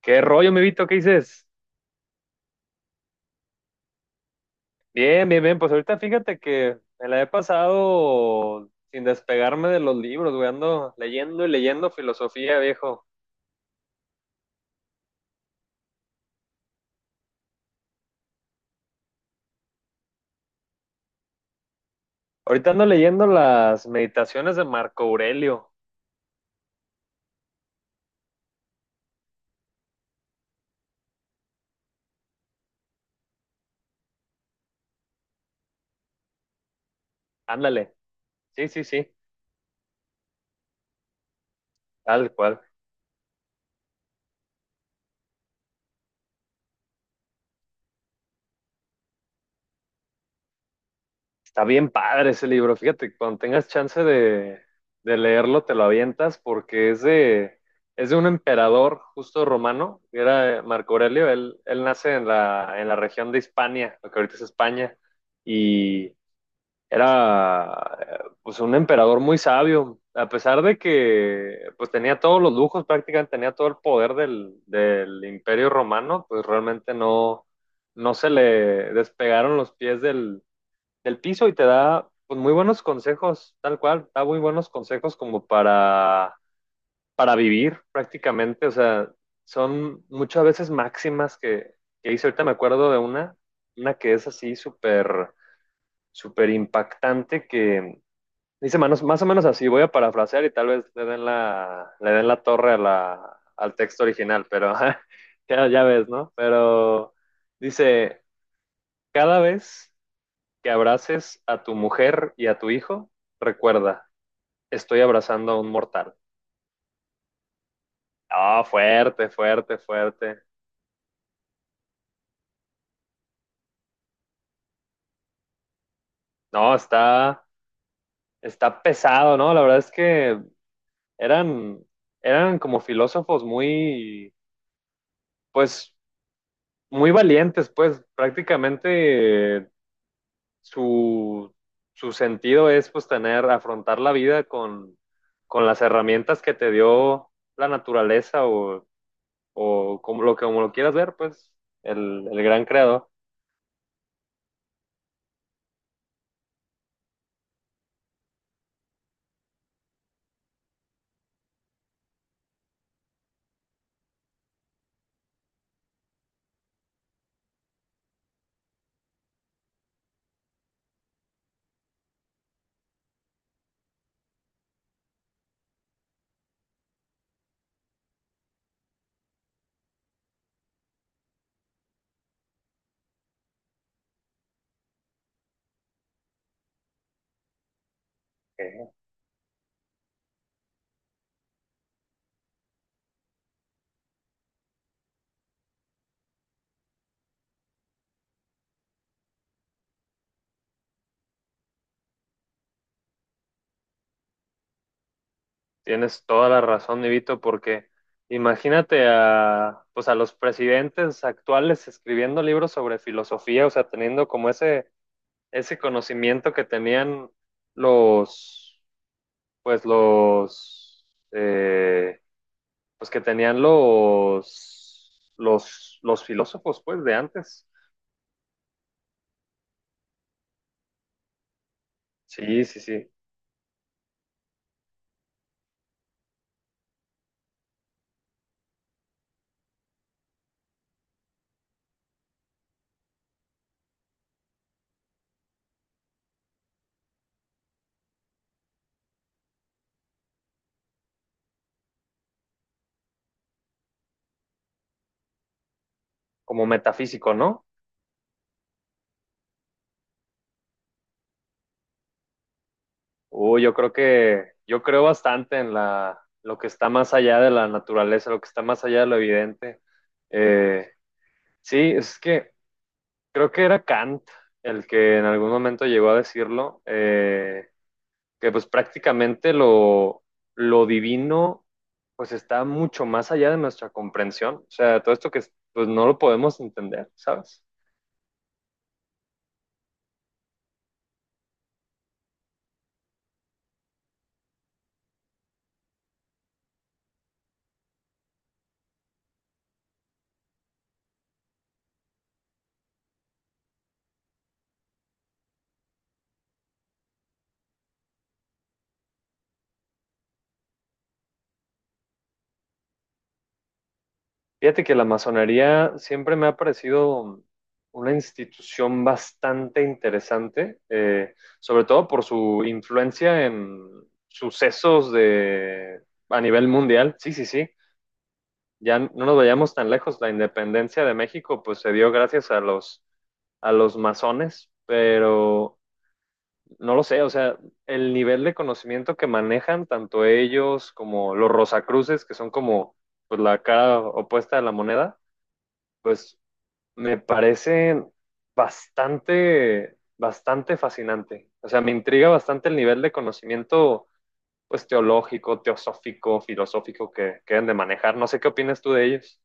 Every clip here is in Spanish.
¿Qué rollo, mi Vito? ¿Qué dices? Bien, bien, bien. Pues ahorita fíjate que me la he pasado sin despegarme de los libros, güey. Ando leyendo y leyendo filosofía, viejo. Ahorita ando leyendo las meditaciones de Marco Aurelio. Ándale. Sí, sí, sí. Tal cual. Está bien padre ese libro. Fíjate, cuando tengas chance de leerlo, te lo avientas porque es es de un emperador justo romano, que era Marco Aurelio. Él nace en la región de Hispania, lo que ahorita es España, y era pues un emperador muy sabio. A pesar de que pues tenía todos los lujos, prácticamente tenía todo el poder del imperio romano, pues realmente no se le despegaron los pies del del piso y te da, pues, muy buenos consejos, tal cual, da muy buenos consejos como para vivir prácticamente, o sea, son muchas veces máximas que hice, ahorita me acuerdo de una que es así súper impactante que dice manos, más o menos así, voy a parafrasear y tal vez le den le den la torre a al texto original, pero ya, ya ves, ¿no? Pero dice, cada vez que abraces a tu mujer y a tu hijo, recuerda, estoy abrazando a un mortal. Ah, fuerte, fuerte, fuerte. No, está pesado, ¿no? La verdad es que eran, eran como filósofos muy, pues, muy valientes, pues, prácticamente su, su sentido es, pues, tener, afrontar la vida con las herramientas que te dio la naturaleza o o como lo quieras ver, pues el gran creador. Eh, Tienes toda la razón, Nivito, porque imagínate a, pues a los presidentes actuales escribiendo libros sobre filosofía, o sea, teniendo como ese conocimiento que tenían los, los, pues que tenían los los filósofos, pues, de antes. Sí, sí, sí, como metafísico, ¿no? Yo creo bastante en la, lo que está más allá de la naturaleza, lo que está más allá de lo evidente. Eh, sí, es que creo que era Kant el que en algún momento llegó a decirlo, que pues prácticamente lo divino pues está mucho más allá de nuestra comprensión. O sea, todo esto que pues no lo podemos entender, ¿sabes? Fíjate que la masonería siempre me ha parecido una institución bastante interesante, sobre todo por su influencia en sucesos de, a nivel mundial. Sí, sí, sí. Ya no nos vayamos tan lejos. La independencia de México, pues, se dio gracias a los masones, pero no lo sé. O sea, el nivel de conocimiento que manejan tanto ellos como los Rosacruces, que son como, pues, la cara opuesta de la moneda, pues me parece bastante, bastante fascinante. O sea, me intriga bastante el nivel de conocimiento, pues, teológico, teosófico, filosófico que deben de manejar. No sé qué opinas tú de ellos.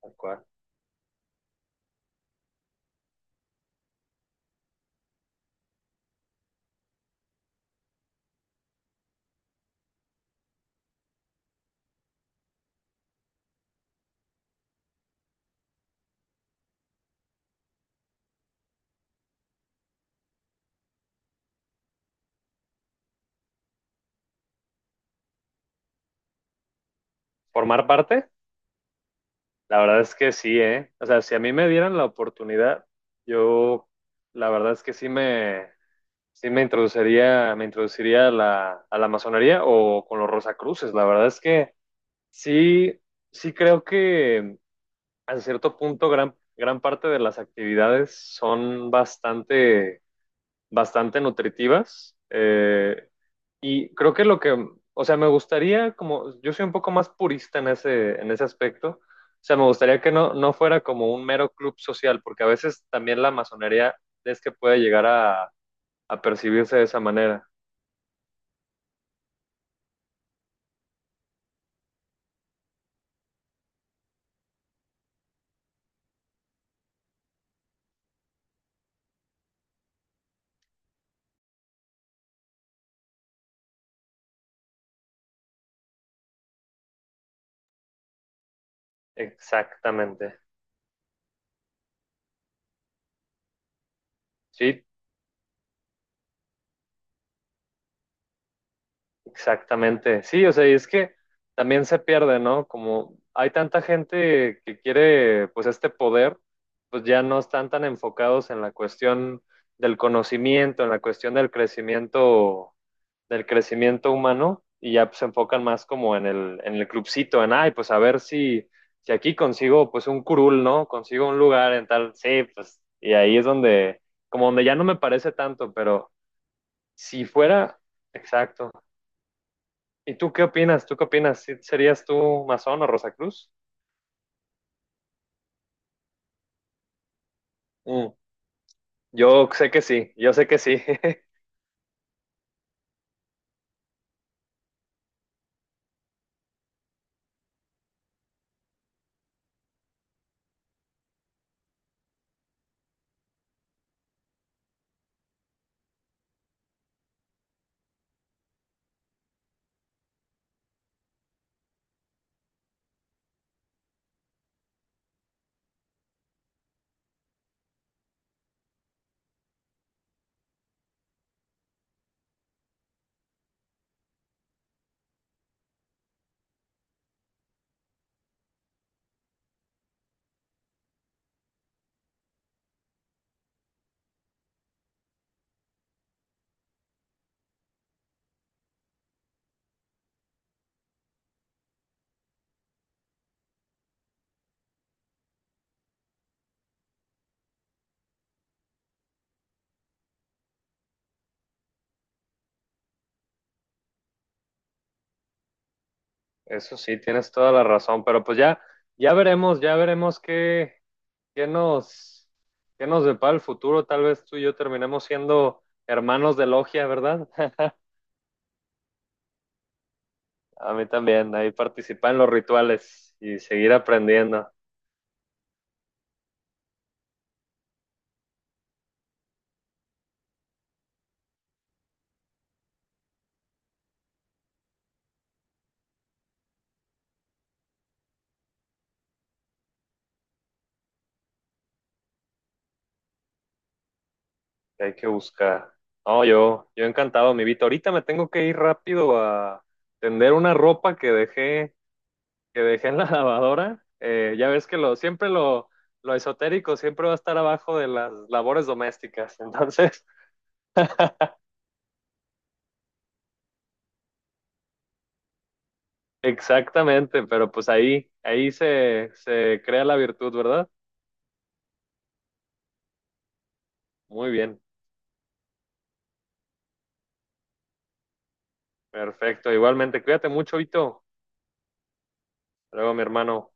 Tal cual. ¿Formar parte? La verdad es que sí, ¿eh? O sea, si a mí me dieran la oportunidad, yo, la verdad es que sí me introduciría a a la masonería o con los Rosacruces. La verdad es que sí, sí creo que a cierto punto, gran, gran parte de las actividades son bastante, bastante nutritivas. Y creo que o sea, me gustaría, como yo soy un poco más purista en en ese aspecto, o sea, me gustaría que no, no fuera como un mero club social, porque a veces también la masonería es que puede llegar a percibirse de esa manera. Exactamente. Sí, exactamente, sí, o sea, y es que también se pierde, ¿no? Como hay tanta gente que quiere, pues, este poder, pues ya no están tan enfocados en la cuestión del conocimiento, en la cuestión del crecimiento humano, y ya pues, se enfocan más como en en el clubcito, en, ay, pues a ver si, si aquí consigo, pues, un curul, ¿no? Consigo un lugar en tal, sí, pues, y ahí es donde, como donde ya no me parece tanto, pero si fuera, exacto. ¿Y tú qué opinas? ¿Tú qué opinas? ¿Sí- ¿Serías tú masón o Rosacruz? Mm, yo sé que sí, yo sé que sí. Eso sí, tienes toda la razón, pero pues ya, ya veremos qué, qué nos, qué nos depara el futuro. Tal vez tú y yo terminemos siendo hermanos de logia, ¿verdad? A mí también, ahí participar en los rituales y seguir aprendiendo, que hay que buscar. No, yo encantado, mi Vito. Ahorita me tengo que ir rápido a tender una ropa que dejé en la lavadora. Ya ves que lo esotérico siempre va a estar abajo de las labores domésticas. Entonces, exactamente, pero pues ahí, se crea la virtud, ¿verdad? Muy bien, perfecto. Igualmente, cuídate mucho, Vito. Hasta luego, mi hermano.